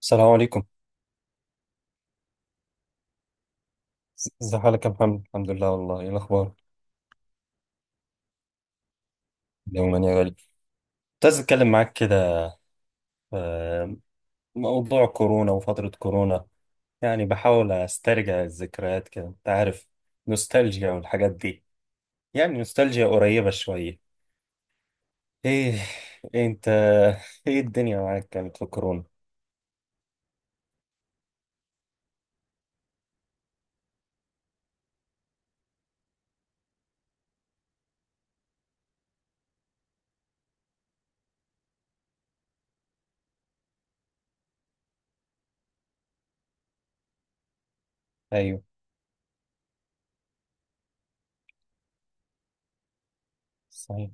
السلام عليكم. ازي حالك يا محمد؟ الحمد لله. والله ايه الاخبار؟ يوما يا غالي، كنت عايز اتكلم معاك كده في موضوع كورونا وفترة كورونا. يعني بحاول استرجع الذكريات كده، انت عارف، نوستالجيا والحاجات دي، يعني نوستالجيا قريبة شوية. ايه؟ إيه انت؟ ايه الدنيا معاك كانت في كورونا؟ ايوه. صحيح.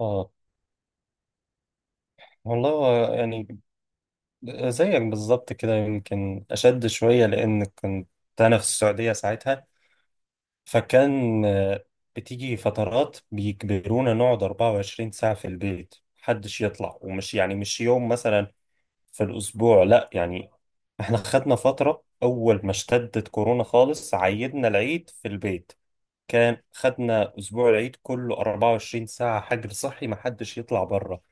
اه. والله هو يعني زيك بالظبط كده، يمكن اشد شوية، لان كنت انا في السعودية ساعتها. فكان بتيجي فترات بيجبرونا نقعد 24 ساعة في البيت، محدش يطلع، ومش يعني مش يوم مثلا في الأسبوع، لا يعني احنا خدنا فترة أول ما اشتدت كورونا خالص، عيدنا العيد في البيت، كان خدنا أسبوع العيد كله 24 ساعة حجر صحي، محدش يطلع بره.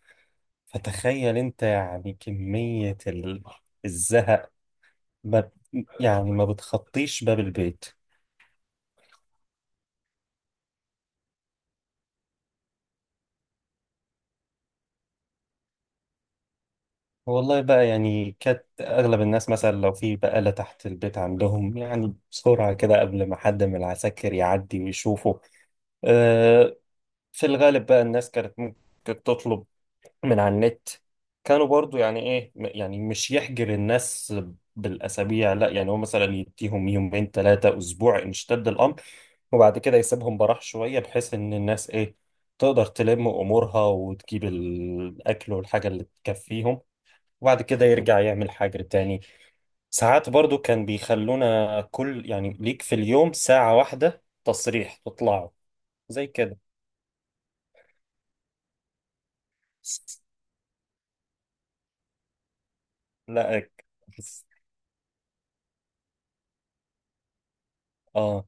فتخيل أنت يعني كمية الزهق. ما يعني ما بتخطيش باب البيت. والله بقى، يعني كانت أغلب الناس مثلا لو في بقالة تحت البيت عندهم، يعني بسرعة كده قبل ما حد من العساكر يعدي ويشوفه. أه. في الغالب بقى الناس كانت ممكن تطلب من على النت. كانوا برضو يعني إيه يعني مش يحجر الناس بالأسابيع، لا يعني هو مثلا يديهم يومين 3 أسبوع إن اشتد الأمر، وبعد كده يسيبهم براح شوية بحيث إن الناس إيه تقدر تلم أمورها وتجيب الأكل والحاجة اللي تكفيهم، وبعد كده يرجع يعمل حاجة تاني. ساعات برضو كان بيخلونا كل يعني، ليك في اليوم ساعة واحدة تصريح تطلعوا زي كده. لا أك- بس- اه.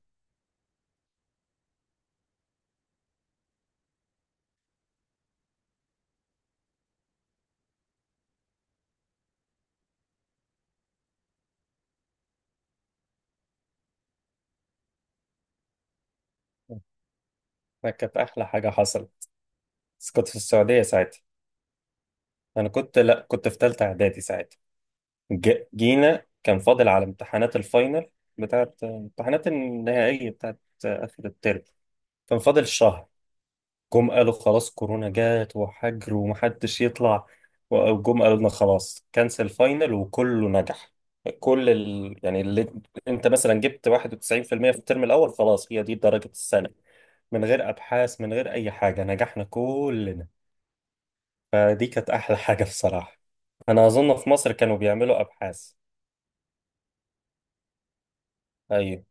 كانت أحلى حاجة حصلت، بس كنت في السعودية ساعتها. أنا كنت، لا كنت في تالتة إعدادي ساعتها. جينا كان فاضل على امتحانات الفاينل، بتاعت امتحانات النهائية بتاعت آخر الترم. كان فاضل شهر. جم قالوا خلاص كورونا جات وحجر ومحدش يطلع، وجم قالوا لنا خلاص كانسل فاينل وكله نجح. يعني اللي انت مثلا جبت 91% في المية في الترم الاول خلاص هي دي درجة السنة. من غير ابحاث، من غير اي حاجة، نجحنا كلنا. فدي كانت احلى حاجة بصراحة. انا اظن في مصر كانوا بيعملوا ابحاث. ايوه.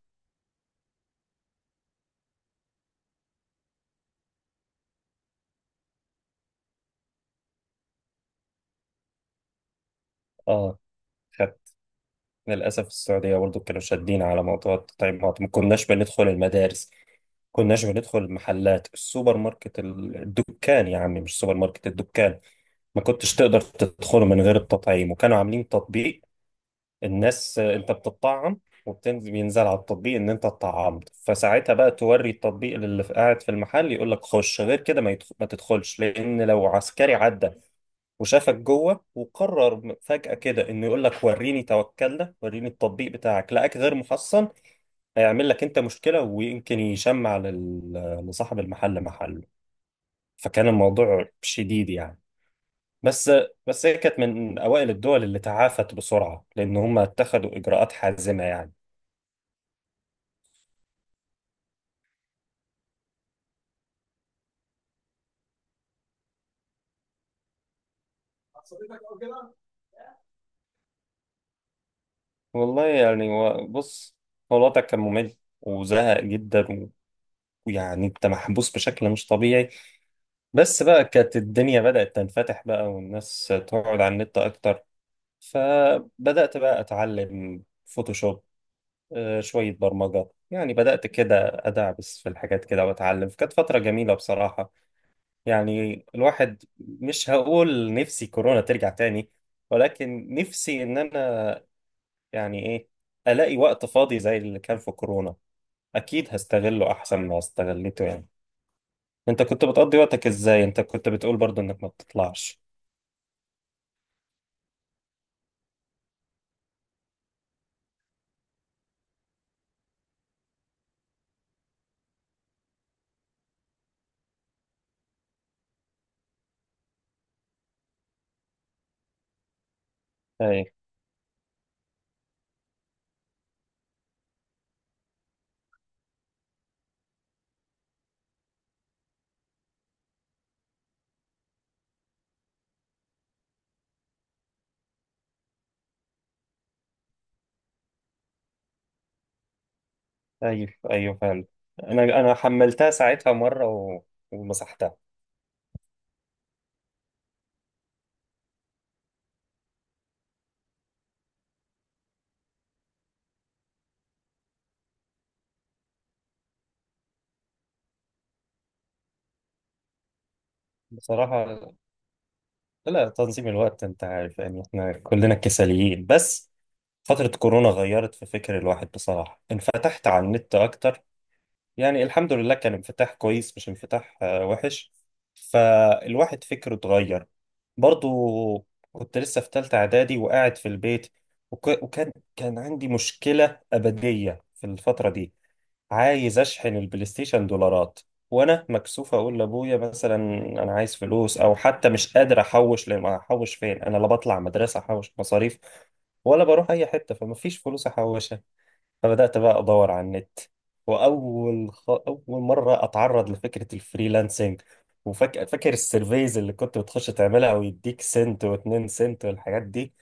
اه، خدت. للاسف السعودية برضو كانوا شادين على موضوع التطعيمات. ما كناش بندخل المدارس، كناش بندخل المحلات، السوبر ماركت، الدكان يا عمي مش سوبر ماركت، الدكان ما كنتش تقدر تدخله من غير التطعيم. وكانوا عاملين تطبيق، الناس انت بتطعم وبتنزل، بينزل على التطبيق ان انت اتطعمت، فساعتها بقى توري التطبيق اللي قاعد في المحل يقول لك خش. غير كده ما تدخلش، لان لو عسكري عدى وشافك جوه وقرر فجأة كده انه يقول لك وريني توكلنا، وريني التطبيق بتاعك، لقاك غير محصن، هيعمل لك انت مشكلة ويمكن يشمع لصاحب المحل محله. فكان الموضوع شديد يعني. بس بس هي كانت من أوائل الدول اللي تعافت بسرعة، لأن هم اتخذوا إجراءات حازمة يعني. بص، هو الوضع كان ممل وزهق جدا ويعني انت محبوس بشكل مش طبيعي. بس بقى كانت الدنيا بدأت تنفتح بقى، والناس تقعد على النت أكتر. فبدأت بقى أتعلم فوتوشوب، شوية برمجة، يعني بدأت كده أدعبس في الحاجات كده وأتعلم. كانت فترة جميلة بصراحة. يعني الواحد مش هقول نفسي كورونا ترجع تاني، ولكن نفسي إن أنا يعني إيه، ألاقي وقت فاضي زي اللي كان في كورونا، أكيد هستغله أحسن ما استغلته يعني. أنت كنت بتقضي وقتك إزاي؟ أنت كنت بتقول برضو إنك ما بتطلعش. أيوه. أيوه. أيوه، فعلا. أنا حملتها ساعتها مرة ومسحتها. بصراحة لا، تنظيم الوقت، انت عارف يعني احنا كلنا كساليين، بس فترة كورونا غيرت في فكر الواحد بصراحة. انفتحت على النت اكتر، يعني الحمد لله كان انفتاح كويس مش انفتاح وحش. فالواحد فكره اتغير. برضو كنت لسه في تالتة اعدادي وقاعد في البيت وكان عندي مشكلة أبدية في الفترة دي. عايز اشحن البلاي ستيشن دولارات، وانا مكسوف اقول لابويا مثلا انا عايز فلوس، او حتى مش قادر احوش، لان احوش فين؟ انا لا بطلع مدرسه احوش مصاريف، ولا بروح اي حته فمفيش فلوس احوشها. فبدات بقى ادور على النت. اول مره اتعرض لفكره الفريلانسنج. وفاكر السيرفيز اللي كنت بتخش تعملها ويديك سنت واتنين سنت والحاجات دي.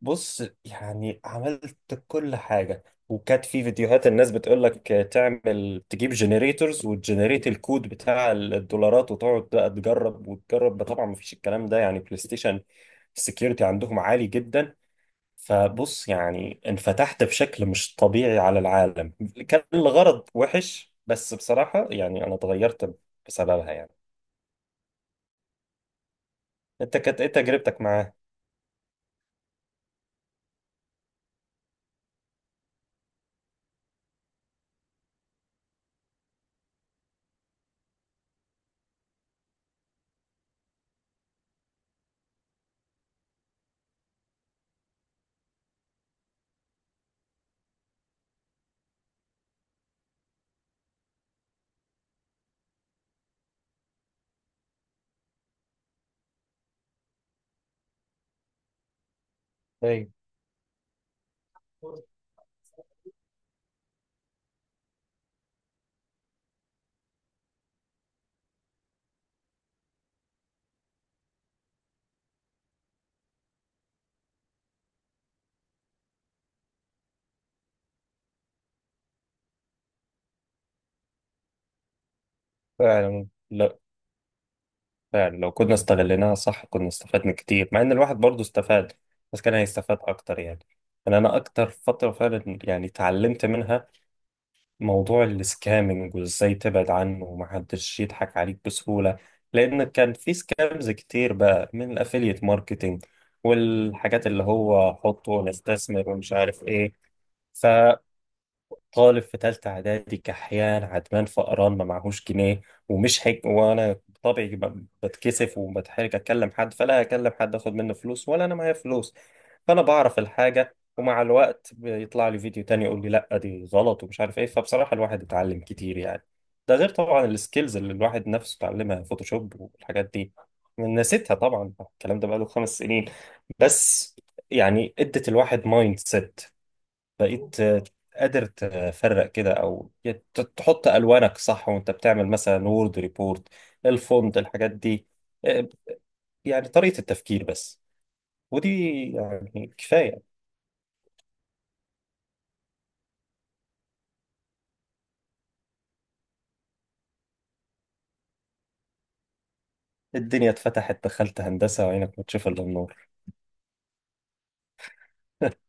بص يعني عملت كل حاجة، وكانت في فيديوهات الناس بتقول لك تعمل، تجيب جنريتورز وتجنريت الكود بتاع الدولارات، وتقعد بقى تجرب وتجرب. طبعا ما فيش الكلام ده يعني، بلاي ستيشن السكيورتي عندهم عالي جدا. فبص يعني انفتحت بشكل مش طبيعي على العالم. كان الغرض وحش، بس بصراحة يعني انا اتغيرت بسببها يعني. انت كانت ايه تجربتك معاه؟ ايوه فعلا. لا فعلا، لو كنا استغليناها صح كنا استفدنا كتير، مع ان الواحد برضه استفاد، بس كان هيستفاد اكتر يعني. يعني انا اكتر فتره فعلا يعني اتعلمت منها موضوع السكامنج وازاي تبعد عنه، ومحدش يضحك عليك بسهوله، لان كان في سكامز كتير بقى من الافيليت ماركتينج والحاجات اللي هو حط ونستثمر ومش عارف ايه. طالب في تالتة إعدادي، كحيان عدمان فقران ما معهوش جنيه، ومش حج، وأنا بطبعي بتكسف وبتحرج أكلم حد، فلا أكلم حد أخد منه فلوس ولا أنا معايا فلوس. فأنا بعرف الحاجة، ومع الوقت بيطلع لي فيديو تاني يقول لي لأ دي غلط ومش عارف إيه. فبصراحة الواحد اتعلم كتير يعني. ده غير طبعا السكيلز اللي الواحد نفسه اتعلمها، فوتوشوب والحاجات دي. نسيتها طبعا الكلام ده بقاله 5 سنين. بس يعني ادت الواحد مايند سيت. بقيت قادر تفرق كده، او تحط الوانك صح وانت بتعمل مثلا وورد ريبورت، الفونت، الحاجات دي. آه، يعني طريقة التفكير بس. ودي يعني كفاية. الدنيا اتفتحت، دخلت هندسة وعينك ما تشوف الا النور.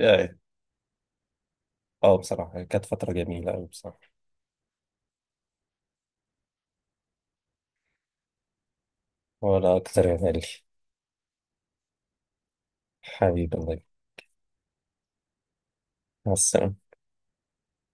يعني اه بصراحة كانت فترة جميلة أوي بصراحة. ولا أكتر يا غالي. حبيبي الله يبارك. مع السلامة.